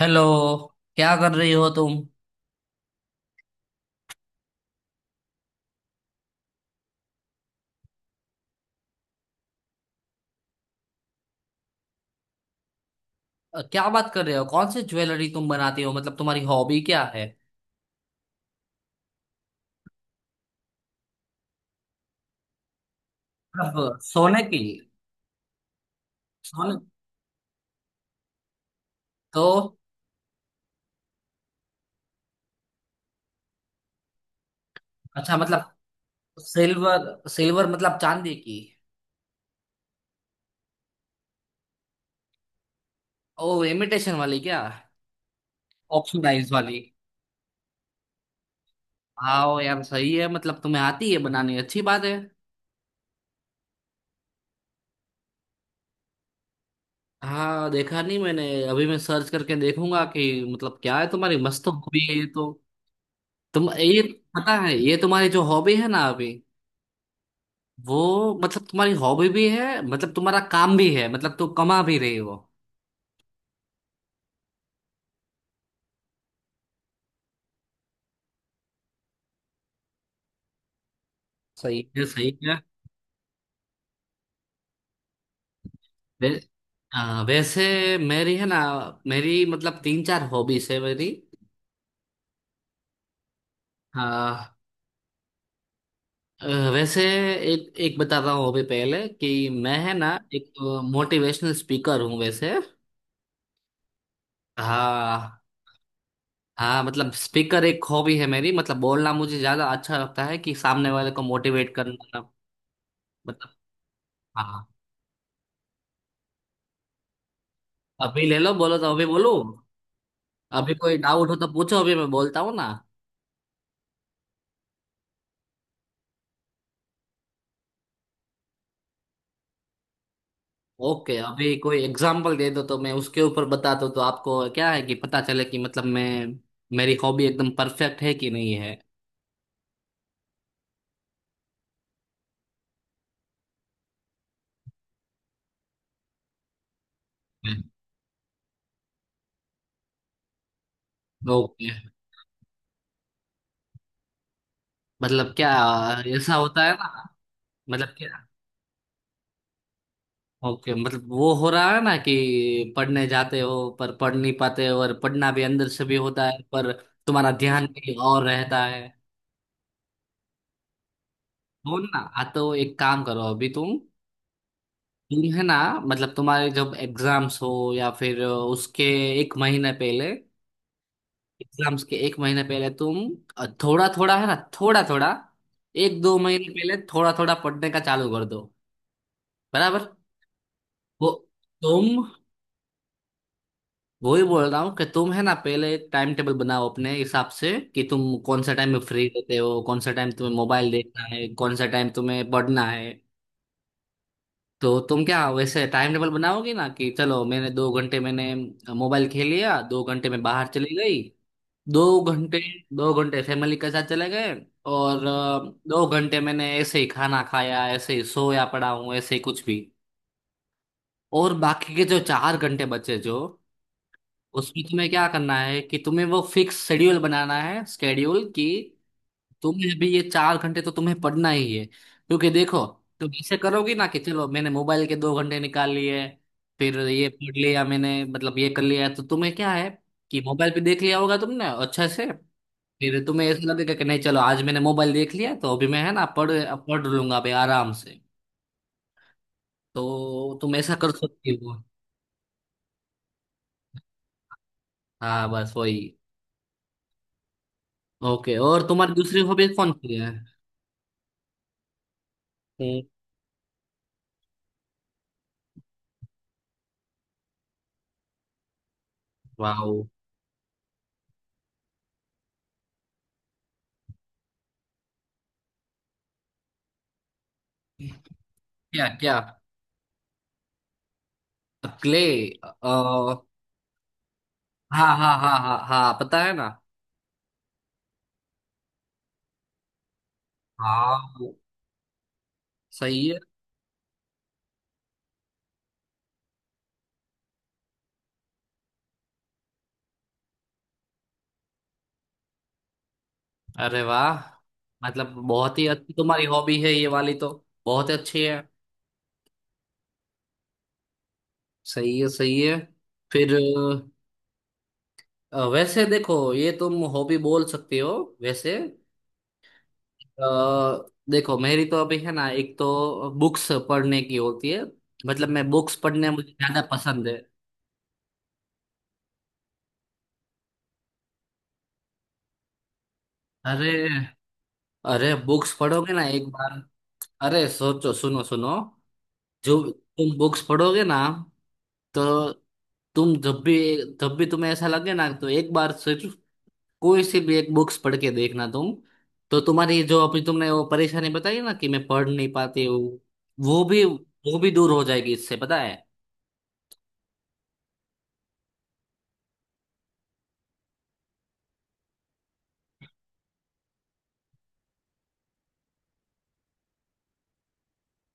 Hello. क्या कर रही हो तुम? क्या बात कर रहे हो? कौन सी ज्वेलरी तुम बनाती हो? मतलब तुम्हारी हॉबी क्या है? मतलब सोने की? सोने तो? अच्छा, मतलब सिल्वर, सिल्वर मतलब चांदी की? ओ, इमिटेशन वाली क्या? ऑक्सीडाइज वाली? आओ यार, सही है। मतलब तुम्हें आती है बनानी, अच्छी बात है। हाँ, देखा नहीं मैंने अभी। मैं सर्च करके देखूंगा कि मतलब क्या है। तुम्हारी मस्त हॉबी है ये तो। तुम ये, पता है ये तुम्हारी जो हॉबी है ना अभी, वो मतलब तुम्हारी हॉबी भी है, मतलब तुम्हारा काम भी है, मतलब तुम कमा भी रही हो। सही, ये सही है। वै, वैसे मेरी है ना, मेरी मतलब तीन चार हॉबीज है मेरी। हाँ। अ, वैसे एक एक बता रहा हूँ हॉबी। पहले कि मैं है ना, एक मोटिवेशनल स्पीकर हूँ वैसे। हाँ हाँ, मतलब स्पीकर एक हॉबी है मेरी। मतलब बोलना मुझे ज्यादा अच्छा लगता है कि सामने वाले को मोटिवेट करना। मतलब, हाँ अभी ले लो, बोलो तो अभी बोलो। अभी कोई डाउट हो तो पूछो, अभी मैं बोलता हूँ ना। ओके, अभी कोई एग्जांपल दे दो तो मैं उसके ऊपर बता दूँ। तो आपको क्या है कि पता चले कि मतलब मैं, मेरी हॉबी एकदम परफेक्ट है कि नहीं है। ओके, मतलब क्या? ऐसा होता है ना? मतलब क्या? ओके, मतलब वो हो रहा है ना कि पढ़ने जाते हो पर पढ़ नहीं पाते हो, और पढ़ना भी अंदर से भी होता है, पर तुम्हारा ध्यान कहीं और रहता है। हो ना, हाँ तो एक काम करो अभी तुम। तुम है ना, मतलब तुम्हारे जब एग्जाम्स हो, या फिर उसके एक महीने पहले, एग्जाम्स के एक महीने पहले तुम थोड़ा थोड़ा, है ना, थोड़ा थोड़ा, एक दो महीने पहले थोड़ा थोड़ा पढ़ने का चालू कर दो। बराबर। वो तुम वही बोल रहा हूँ कि तुम है ना, पहले एक टाइम टेबल बनाओ अपने हिसाब से कि तुम कौन सा टाइम में फ्री रहते हो, कौन सा टाइम तुम्हें मोबाइल देखना है, कौन सा टाइम तुम्हें पढ़ना है। तो तुम क्या वैसे टाइम टेबल बनाओगी ना कि चलो मैंने दो घंटे मैंने मोबाइल खेल लिया, दो घंटे में बाहर चली गई, दो घंटे, दो घंटे फैमिली के साथ चले गए, और दो घंटे मैंने ऐसे ही खाना खाया, ऐसे ही सोया पड़ा हूँ, ऐसे ही कुछ भी। और बाकी के जो चार घंटे बचे जो, उसमें तुम्हें क्या करना है कि तुम्हें वो फिक्स शेड्यूल बनाना है। शेड्यूल की तुम्हें अभी ये चार घंटे तो तुम्हें पढ़ना ही है, क्योंकि देखो तुम ऐसे करोगी ना कि चलो मैंने मोबाइल के दो घंटे निकाल लिए, फिर ये पढ़ लिया मैंने, मतलब ये कर लिया। तो तुम्हें क्या है कि मोबाइल पे देख लिया होगा तुमने अच्छे से, फिर तुम्हें ऐसा लगेगा कि नहीं चलो आज मैंने मोबाइल देख लिया तो अभी मैं है ना पढ़ पढ़ लूंगा भाई आराम से। तो तुम ऐसा कर सकती हो। हाँ बस वही। ओके, और तुम्हारी दूसरी हॉबी कौन सी है? वाह। क्या क्या? क्ले? हाँ हाँ हाँ हाँ हाँ, पता है ना। हाँ, सही है। अरे वाह, मतलब बहुत ही अच्छी तुम्हारी हॉबी है ये वाली तो, बहुत ही अच्छी है। सही है, सही है। फिर वैसे देखो ये तुम हॉबी बोल सकते हो वैसे। अ, देखो मेरी तो अभी है ना, एक तो बुक्स पढ़ने की होती है। मतलब मैं बुक्स पढ़ने मुझे ज्यादा पसंद है। अरे, अरे बुक्स पढ़ोगे ना एक बार। अरे सोचो, सुनो सुनो, जो तुम बुक्स पढ़ोगे ना तो, तुम जब भी, जब भी तुम्हें ऐसा लगे ना तो एक बार सिर्फ कोई सी भी एक बुक्स पढ़ के देखना तुम। तो तुम्हारी जो अभी तुमने वो परेशानी बताई ना कि मैं पढ़ नहीं पाती हूँ, वो भी, वो भी दूर हो जाएगी इससे पता है।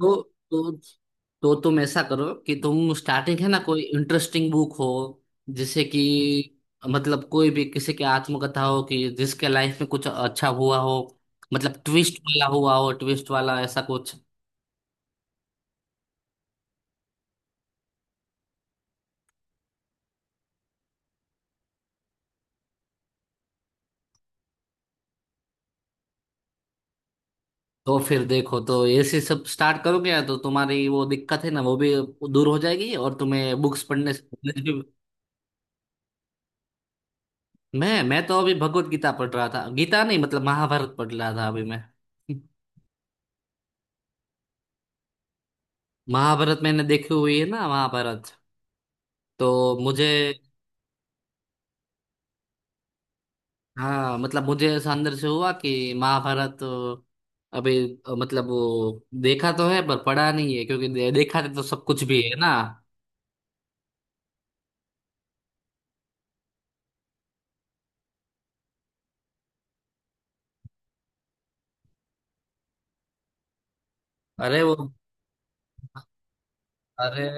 तो तो तो तुम ऐसा करो कि तुम स्टार्टिंग है ना, कोई इंटरेस्टिंग बुक हो, जैसे कि मतलब कोई भी किसी की आत्मकथा हो कि जिसके लाइफ में कुछ अच्छा हुआ हो, मतलब ट्विस्ट वाला हुआ हो, ट्विस्ट वाला ऐसा कुछ। तो फिर देखो, तो ऐसे सब स्टार्ट करोगे ना तो तुम्हारी वो दिक्कत है ना वो भी दूर हो जाएगी, और तुम्हें बुक्स पढ़ने से knowledge भी-। मैं तो अभी भगवत गीता पढ़ रहा था, गीता नहीं मतलब महाभारत पढ़ रहा था अभी मैं। महाभारत मैंने देखी हुई है ना महाभारत, तो मुझे, हाँ मतलब मुझे ऐसा अंदर से हुआ कि महाभारत अभी, मतलब वो देखा तो है पर पढ़ा नहीं है, क्योंकि देखा तो सब कुछ भी है ना। अरे वो, अरे,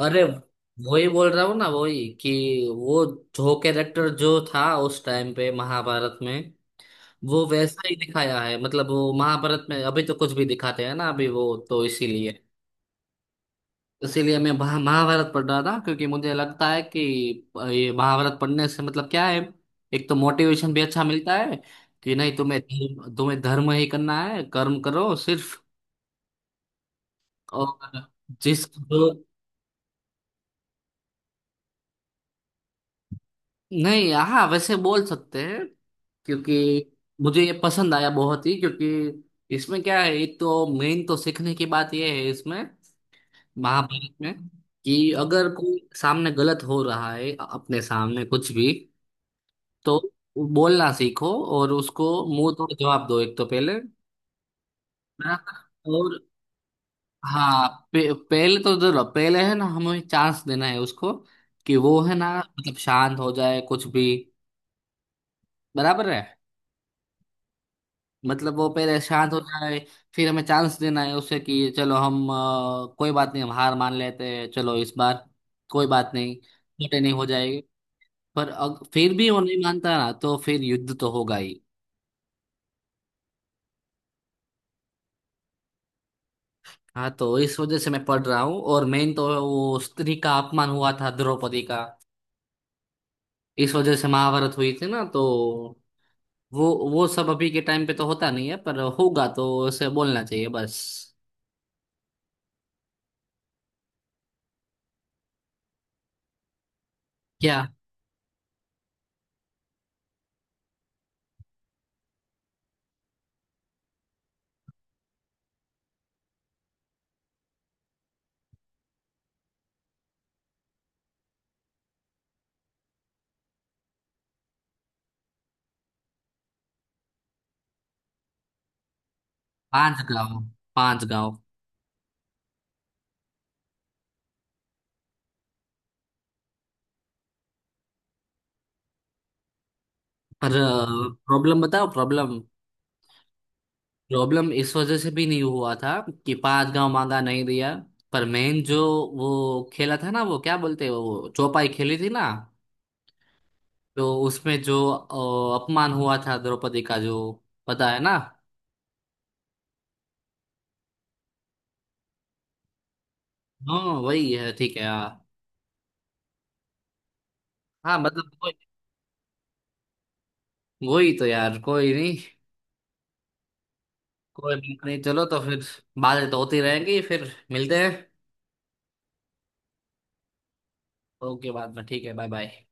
अरे वही बोल रहा हूँ ना वही कि वो, जो कैरेक्टर जो था उस टाइम पे महाभारत में, वो वैसा ही दिखाया है। मतलब वो महाभारत में अभी तो कुछ भी दिखाते हैं ना अभी वो, तो इसीलिए, इसीलिए मैं महाभारत पढ़ रहा था, क्योंकि मुझे लगता है कि ये महाभारत पढ़ने से मतलब क्या है, एक तो मोटिवेशन भी अच्छा मिलता है कि नहीं, तुम्हें धर्म ही करना है, कर्म करो सिर्फ। और जिस जो, नहीं हाँ वैसे बोल सकते हैं, क्योंकि मुझे ये पसंद आया बहुत ही, क्योंकि इसमें क्या है, एक तो मेन तो सीखने की बात यह है इसमें, महाभारत में, कि अगर कोई सामने गलत हो रहा है अपने सामने कुछ भी, तो बोलना सीखो, और उसको मुंह तोड़ जवाब दो। एक तो पहले, हाँ, और हाँ, पहले तो जरूर, पहले है ना हमें चांस देना है उसको कि वो है ना मतलब शांत हो जाए, कुछ भी। बराबर है। मतलब वो पहले शांत हो जाए, फिर हमें चांस देना है उसे कि चलो हम कोई बात नहीं हम हार मान लेते हैं चलो इस बार, कोई बात नहीं, छोटे नहीं हो जाएगी। पर फिर भी वो नहीं मानता ना तो फिर युद्ध तो होगा ही। हाँ तो इस वजह से मैं पढ़ रहा हूँ, और मेन तो वो स्त्री का अपमान हुआ था, द्रौपदी का। इस वजह से महाभारत हुई थी ना, तो वो सब अभी के टाइम पे तो होता नहीं है, पर होगा तो उसे बोलना चाहिए बस। क्या? पांच गांव, पांच गांव, पर प्रॉब्लम बताओ प्रॉब्लम, प्रॉब्लम इस वजह से भी नहीं हुआ था कि पांच गांव मांगा नहीं दिया। पर मेन जो वो खेला था ना, वो क्या बोलते हैं, वो चौपाई खेली थी ना, तो उसमें जो अपमान हुआ था द्रौपदी का जो, पता है ना। हाँ वही है, ठीक है, हाँ। हाँ मतलब कोई, वही तो यार, कोई नहीं, कोई बात नहीं, चलो तो फिर बातें तो होती रहेंगी। फिर मिलते हैं। ओके बाद में, ठीक है, बाय बाय।